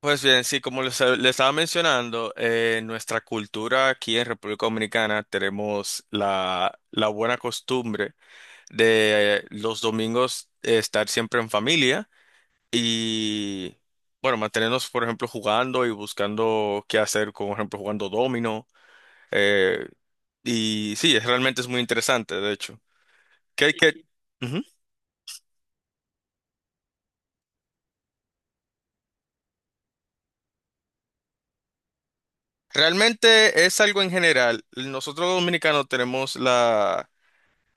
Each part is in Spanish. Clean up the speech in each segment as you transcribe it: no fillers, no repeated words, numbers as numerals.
Pues bien, sí, como les estaba mencionando, nuestra cultura aquí en República Dominicana tenemos la buena costumbre de los domingos estar siempre en familia y, bueno, mantenernos, por ejemplo, jugando y buscando qué hacer, como, por ejemplo, jugando domino. eh, y sí, es, realmente es muy interesante, de hecho. ¿Qué? Ujú. Realmente es algo en general. Nosotros los dominicanos tenemos la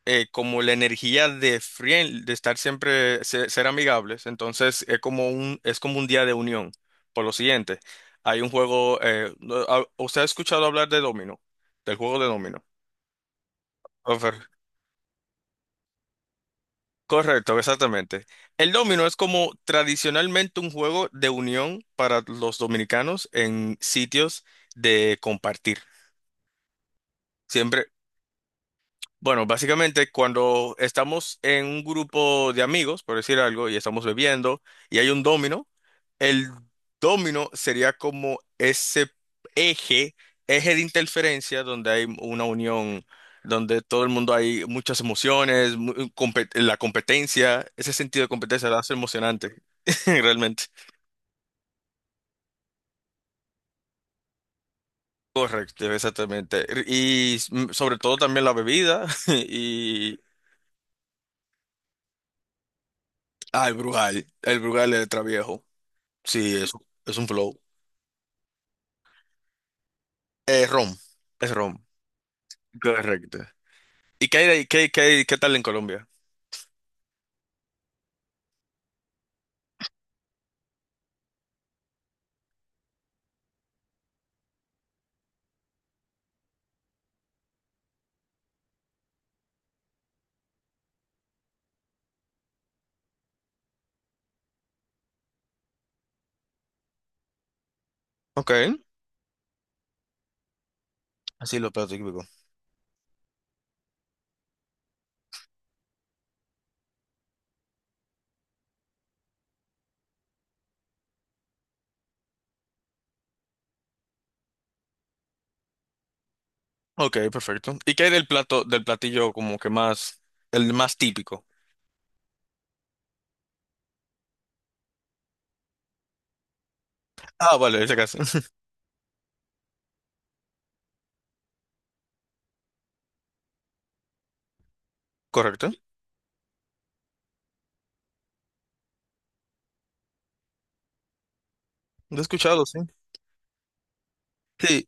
como la energía de friend, de estar siempre, ser, amigables. Entonces es como es como un día de unión. Por lo siguiente, hay un juego, no, ah, ¿usted ha escuchado hablar de Domino? Del juego de Domino. Ofer- Correcto, exactamente. El domino es como tradicionalmente un juego de unión para los dominicanos en sitios de compartir. Siempre, bueno, básicamente cuando estamos en un grupo de amigos, por decir algo, y estamos bebiendo, y hay un domino. El domino sería como ese eje, eje de interferencia donde hay una unión, donde todo el mundo hay muchas emociones, la competencia, ese sentido de competencia lo hace emocionante, realmente. Correcto, exactamente. Y sobre todo también la bebida y... Ah, el Brugal de Traviejo. Sí, es un flow. Eh, rom, es rom. Correcto. ¿Y qué hay, qué, qué tal en Colombia? Ok. Así lo plato típico. Ok, perfecto. ¿Y qué hay del plato, del platillo como que más, el más típico? Ah, vale, ese caso. Correcto. Lo he escuchado, sí. Sí,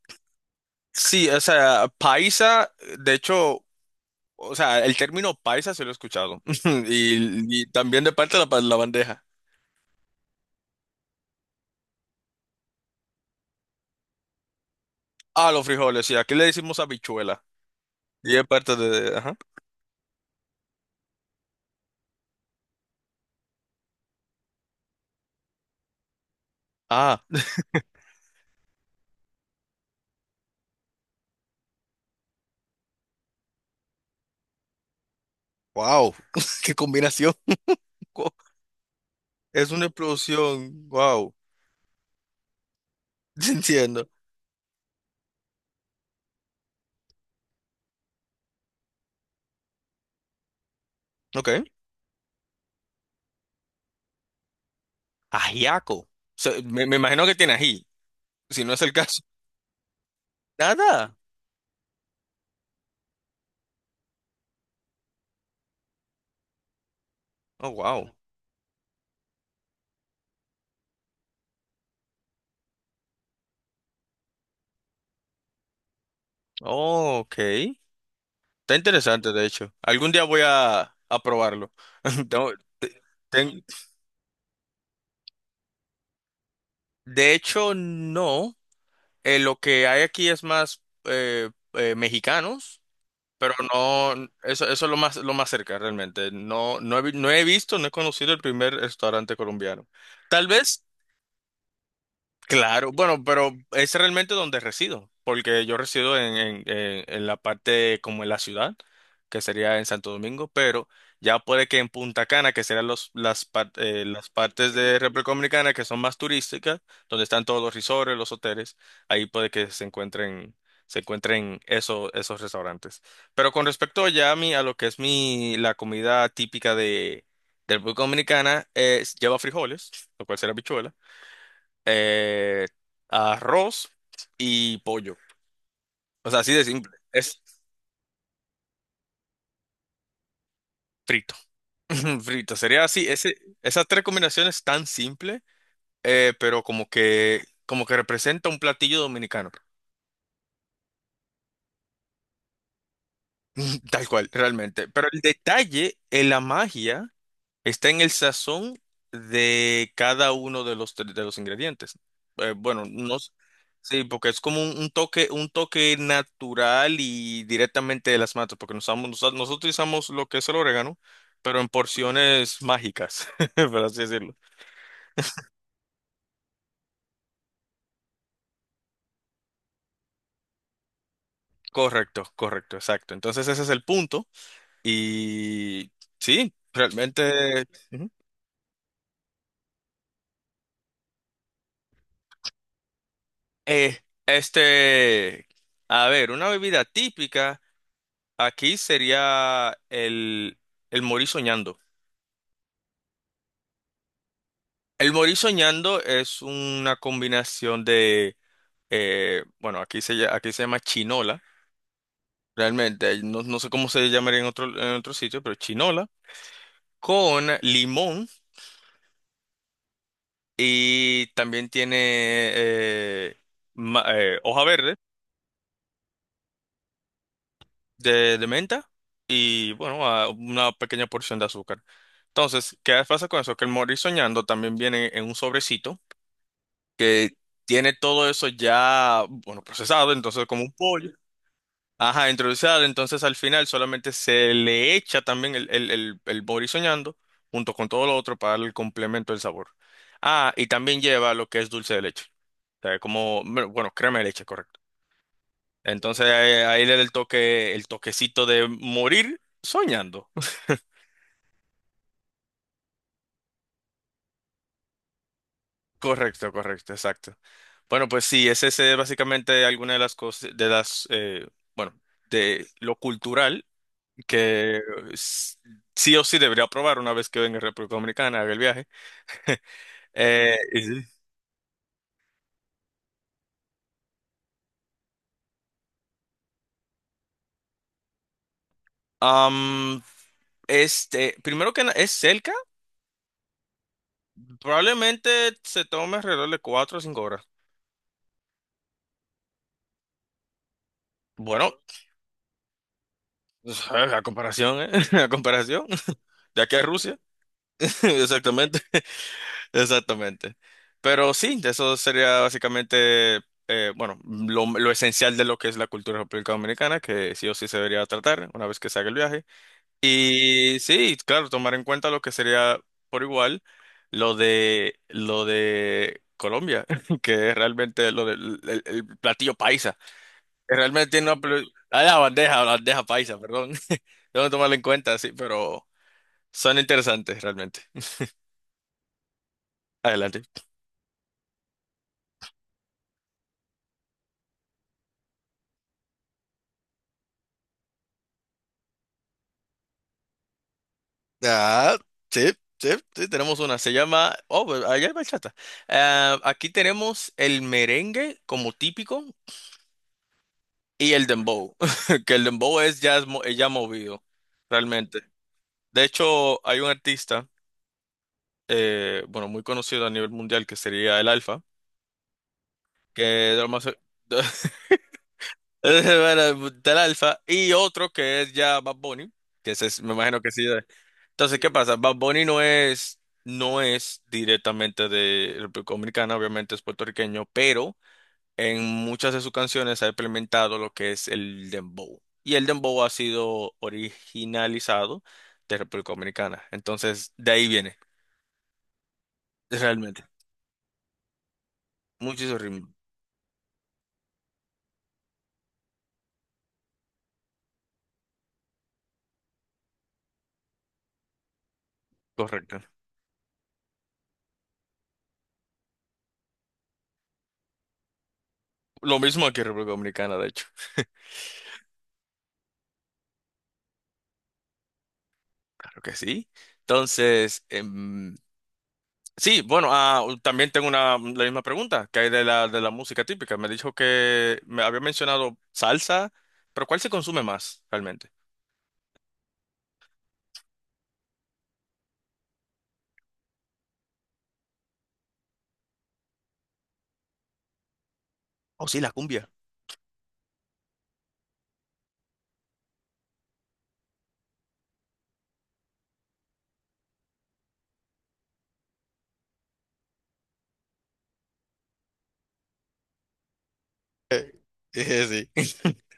sí, o sea, paisa, de hecho, o sea, el término paisa se lo he escuchado. Y, y también de parte de la, la bandeja. Ah, los frijoles, sí, aquí le decimos habichuela. Y es parte de, ajá. Ah, wow, qué combinación. Es una explosión, wow. Entiendo. Ok. Ajiaco. So, me imagino que tiene ají, si no es el caso. Nada. Oh, wow. Oh, ok. Está interesante, de hecho. Algún día voy a probarlo. Tengo- te- ten- de hecho, no. Lo que hay aquí es más mexicanos, pero no, eso es lo más cerca realmente. No he visto, no he conocido el primer restaurante colombiano. Tal vez. Claro, bueno, pero es realmente donde resido, porque yo resido en la parte como en la ciudad, que sería en Santo Domingo, pero ya puede que en Punta Cana, que serán los, las, las partes de República Dominicana que son más turísticas, donde están todos los resorts, los hoteles, ahí puede que se encuentren esos restaurantes. Pero con respecto ya a mí, a lo que es mi, la comida típica de República Dominicana, es, lleva frijoles, lo cual será habichuela eh, arroz y pollo. O sea, así de simple. Es frito. Frito. Sería así. Ese, esas tres combinaciones tan simple, pero como que representa un platillo dominicano. Tal cual, realmente. Pero el detalle, en la magia. Está en el sazón de cada uno de los, de los ingredientes. Bueno, no, s- sí, porque es como un toque natural y directamente de las matas, porque nosotros utilizamos lo que es el orégano, pero en porciones mágicas, por así decirlo. Correcto, correcto, exacto. Entonces ese es el punto. Y sí, realmente... ujú. Eh, este, a ver, una bebida típica. Aquí sería el morir soñando. El morir soñando es una combinación de, bueno, aquí se, aquí se llama chinola, realmente, no, no sé cómo se llamaría en otro sitio, pero chinola, con limón y también tiene eh, hoja verde de menta y, bueno, una pequeña porción de azúcar. Entonces, ¿qué pasa con eso? Que el morir soñando también viene en un sobrecito que tiene todo eso ya, bueno, procesado, entonces como un pollo. Ajá, introducido, entonces al final solamente se le echa también el bori soñando junto con todo lo otro para darle el complemento del sabor. Ah, y también lleva lo que es dulce de leche. O sea, como, bueno, crema de leche, correcto. Entonces ahí, ahí le da el toque, el toquecito de morir soñando. Correcto, correcto, exacto. Bueno, pues sí, ese es básicamente alguna de las cosas, de las, bueno, de lo cultural que s- sí o sí debería probar una vez que venga a República Dominicana, haga el viaje. Y sí. Am, primero que es cerca, probablemente se tome alrededor de cuatro o cinco horas. Bueno, la comparación, ¿eh? La comparación de aquí a Rusia. Exactamente, exactamente. Pero sí, eso sería básicamente, bueno, lo esencial de lo que es la cultura de República Dominicana, que sí o sí se debería tratar una vez que se haga el viaje. Y sí, claro, tomar en cuenta lo que sería por igual lo de Colombia, que es realmente lo del el platillo paisa. Que Realmente tiene una pl- ah, la bandeja paisa, perdón. Tengo que tomarlo en cuenta, sí, pero son interesantes realmente. Adelante. Ah, sí, sí, sí, tenemos una. Se llama. Oh, pues, allá hay bachata. Ah, aquí tenemos el merengue como típico. Y el dembow, que el dembow es ya, es ya movido, realmente. De hecho, hay un artista, bueno, muy conocido a nivel mundial, que sería el Alfa, que de lo más- bueno, del Alfa, y otro que es ya Bad Bunny, que me imagino que sí. Entonces, ¿qué pasa? Bad Bunny no es directamente de República Dominicana, obviamente es puertorriqueño, pero en muchas de sus canciones ha implementado lo que es el dembow. Y el dembow ha sido originalizado de República Dominicana. Entonces, de ahí viene, realmente. Muchísimo ritmo. Correcto. Lo mismo aquí en República Dominicana, de hecho. Claro que sí. Entonces, sí, bueno, ah, también tengo una, la misma pregunta que hay de la música típica. Me dijo que me había mencionado salsa, pero ¿cuál se consume más realmente? Oh, sí, la cumbia. Sí.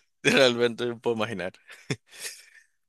Realmente no puedo imaginar.